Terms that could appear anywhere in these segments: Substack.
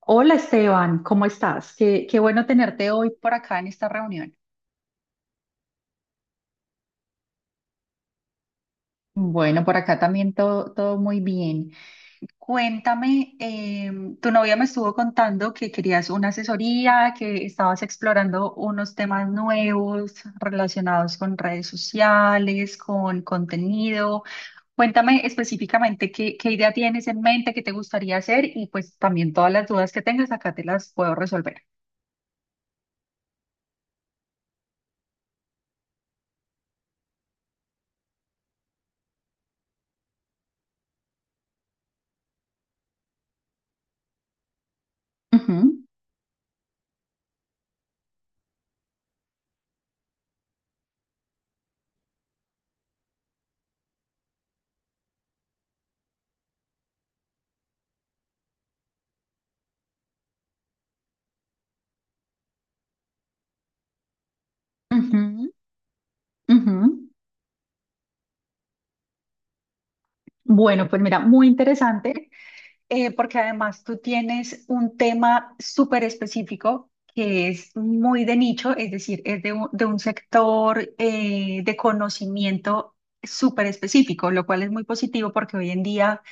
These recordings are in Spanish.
Hola Esteban, ¿cómo estás? Qué bueno tenerte hoy por acá en esta reunión. Bueno, por acá también todo muy bien. Cuéntame, tu novia me estuvo contando que querías una asesoría, que estabas explorando unos temas nuevos relacionados con redes sociales, con contenido. Cuéntame específicamente qué idea tienes en mente, qué te gustaría hacer y pues también todas las dudas que tengas acá te las puedo resolver. Ujú, ujú, ujú. Bueno, pues mira, muy interesante, porque además tú tienes un tema súper específico que es muy de nicho, es decir, es de un sector de conocimiento súper específico, lo cual es muy positivo porque hoy en día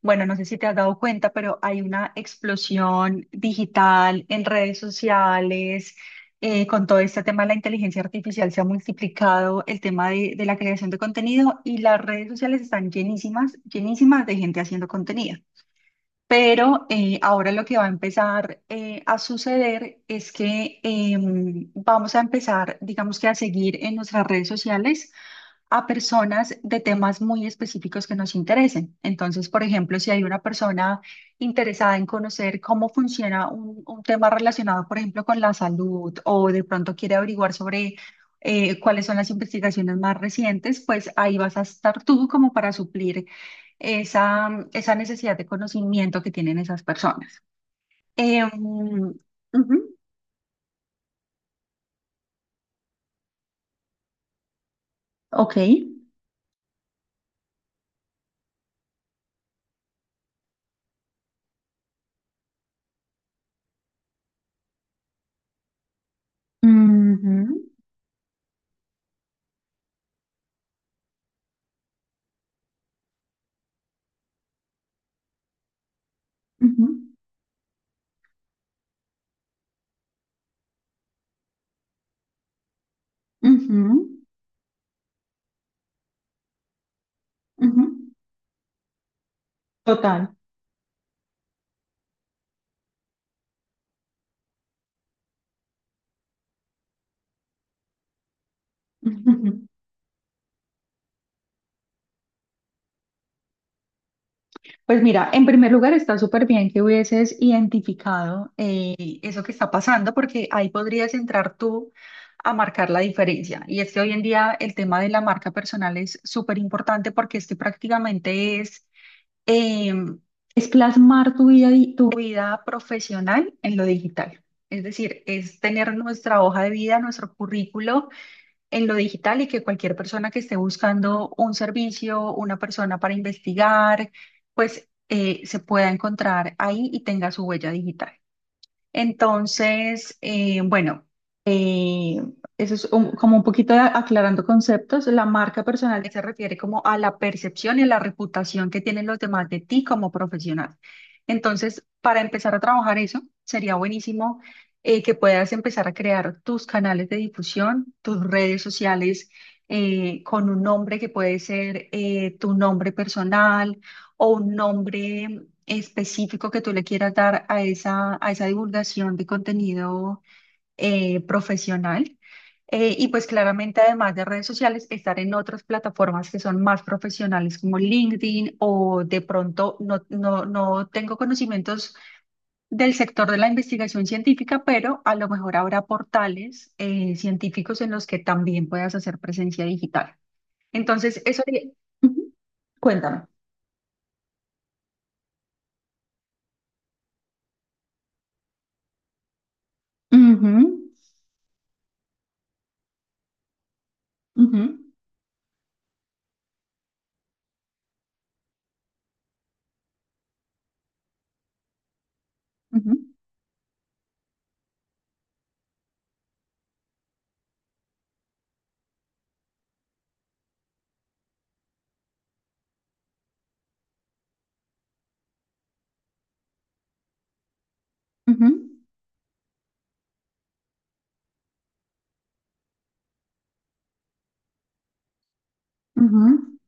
bueno, no sé si te has dado cuenta, pero hay una explosión digital en redes sociales, con todo este tema de la inteligencia artificial se ha multiplicado el tema de la creación de contenido y las redes sociales están llenísimas, llenísimas de gente haciendo contenido. Pero ahora lo que va a empezar a suceder es que vamos a empezar, digamos que a seguir en nuestras redes sociales a personas de temas muy específicos que nos interesen. Entonces, por ejemplo, si hay una persona interesada en conocer cómo funciona un tema relacionado, por ejemplo, con la salud o de pronto quiere averiguar sobre cuáles son las investigaciones más recientes, pues ahí vas a estar tú como para suplir esa necesidad de conocimiento que tienen esas personas. Em, ujú, ok. Ujú, ujú, ujú, ujú. Total. Ujú. Pues mira, en primer lugar está súper bien que hubieses identificado eso que está pasando, porque ahí podrías entrar tú a marcar la diferencia. Y es que hoy en día el tema de la marca personal es súper importante porque este prácticamente eh, es plasmar tu vida, tu vida profesional en lo digital. Es decir, es tener nuestra hoja de vida, nuestro currículo en lo digital y que cualquier persona que esté buscando un servicio, una persona para investigar, pues se pueda encontrar ahí y tenga su huella digital. Entonces, bueno, eh, eso es como un poquito de aclarando conceptos. La marca personal se refiere como a la percepción y a la reputación que tienen los demás de ti como profesional. Entonces, para empezar a trabajar eso, sería buenísimo que puedas empezar a crear tus canales de difusión, tus redes sociales con un nombre que puede ser tu nombre personal o un nombre específico que tú le quieras dar a esa divulgación de contenido profesional. Y pues claramente, además de redes sociales, estar en otras plataformas que son más profesionales como LinkedIn o de pronto no tengo conocimientos del sector de la investigación científica, pero a lo mejor habrá portales científicos en los que también puedas hacer presencia digital. Entonces, eso sería. Ujú. Cuéntame. Ujú, ujú, ujú, ujú. Ujú.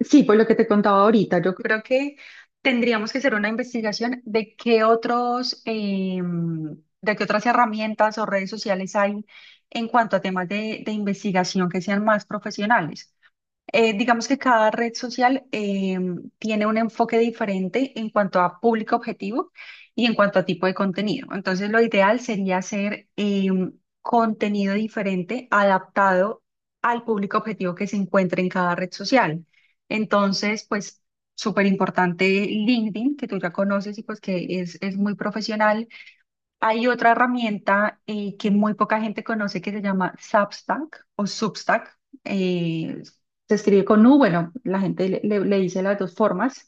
Sí, por lo que te contaba ahorita, yo creo que tendríamos que hacer una investigación de qué otros, de qué otras herramientas o redes sociales hay en cuanto a temas de investigación que sean más profesionales. Digamos que cada red social tiene un enfoque diferente en cuanto a público objetivo y en cuanto a tipo de contenido. Entonces, lo ideal sería hacer contenido diferente adaptado al público objetivo que se encuentre en cada red social. Entonces, pues, súper importante LinkedIn, que tú ya conoces y pues que es muy profesional. Hay otra herramienta que muy poca gente conoce que se llama Substack o Substack. eh, Se escribe con U, bueno, la gente le dice las dos formas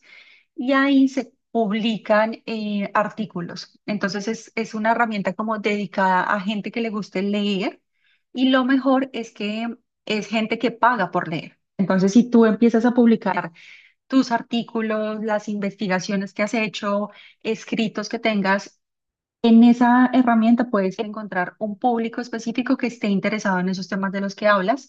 y ahí se publican artículos. Entonces es una herramienta como dedicada a gente que le guste leer y lo mejor es que es gente que paga por leer. Entonces si tú empiezas a publicar tus artículos, las investigaciones que has hecho, escritos que tengas, en esa herramienta puedes encontrar un público específico que esté interesado en esos temas de los que hablas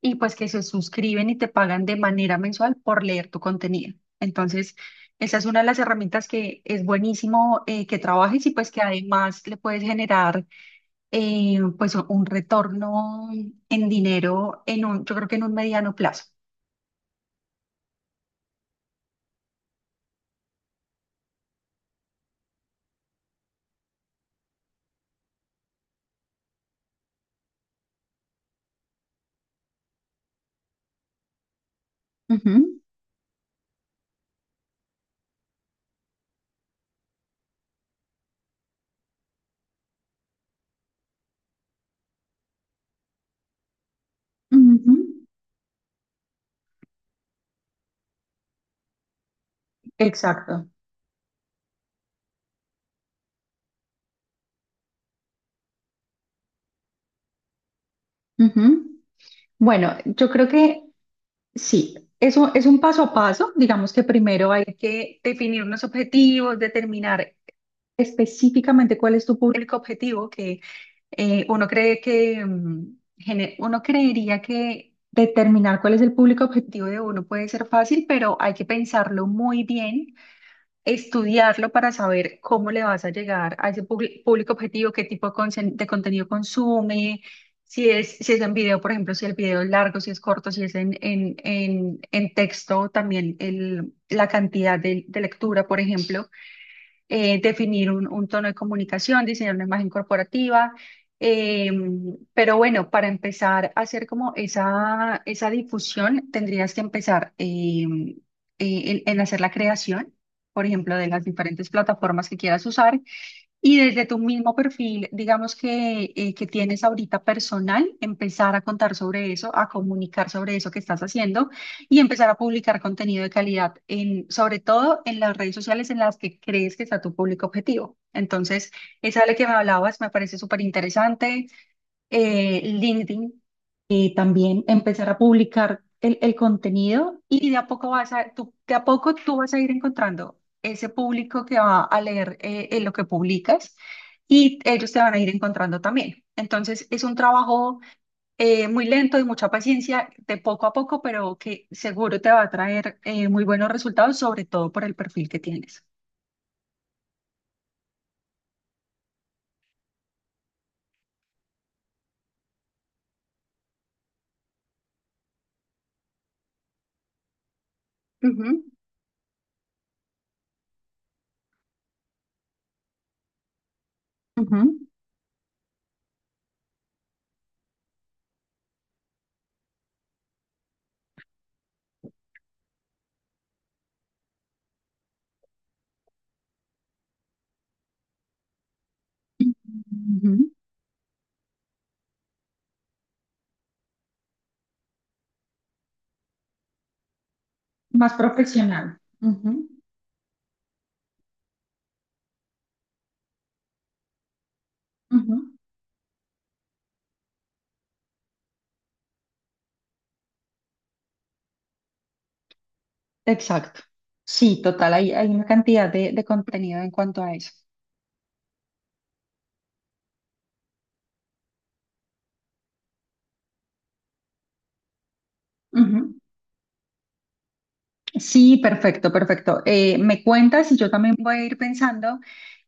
y pues que se suscriben y te pagan de manera mensual por leer tu contenido. Entonces, esa es una de las herramientas que es buenísimo que trabajes y pues que además le puedes generar pues un retorno en dinero en un, yo creo que en un mediano plazo. Ujú, ujú. Exacto. Ujú. Bueno, yo creo que sí, eso es un paso a paso. Digamos que primero hay que definir unos objetivos, determinar específicamente cuál es tu público objetivo, que uno cree que uno creería que determinar cuál es el público objetivo de uno puede ser fácil, pero hay que pensarlo muy bien estudiarlo para saber cómo le vas a llegar a ese público objetivo, qué tipo de, de contenido consume, si es, si es en video, por ejemplo, si el video es largo, si es corto, si es en texto, también el, la cantidad de lectura, por ejemplo definir un tono de comunicación, diseñar una imagen corporativa. eh, pero bueno, para empezar a hacer como esa difusión, tendrías que empezar en hacer la creación, por ejemplo, de las diferentes plataformas que quieras usar y desde tu mismo perfil, digamos que tienes ahorita personal, empezar a contar sobre eso, a comunicar sobre eso que estás haciendo y empezar a publicar contenido de calidad, en, sobre todo en las redes sociales en las que crees que está tu público objetivo. Entonces, esa de la que me hablabas me parece súper interesante. LinkedIn también empezar a publicar el contenido y de a poco vas a, tú, de a poco tú vas a ir encontrando ese público que va a leer lo que publicas y ellos te van a ir encontrando también. Entonces es un trabajo muy lento y mucha paciencia, de poco a poco, pero que seguro te va a traer muy buenos resultados, sobre todo por el perfil que tienes. Ujú, ujú, ujú. Más profesional. Ujú, ujú. Exacto. Sí, total, hay una cantidad de contenido en cuanto a eso. Ujú. Sí, perfecto, perfecto. Me cuentas y yo también voy a ir pensando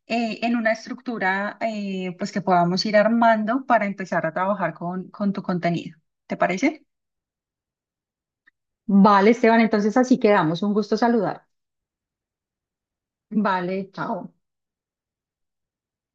en una estructura pues que podamos ir armando para empezar a trabajar con tu contenido. ¿Te parece? Vale, Esteban, entonces así quedamos. Un gusto saludar. Vale, chao.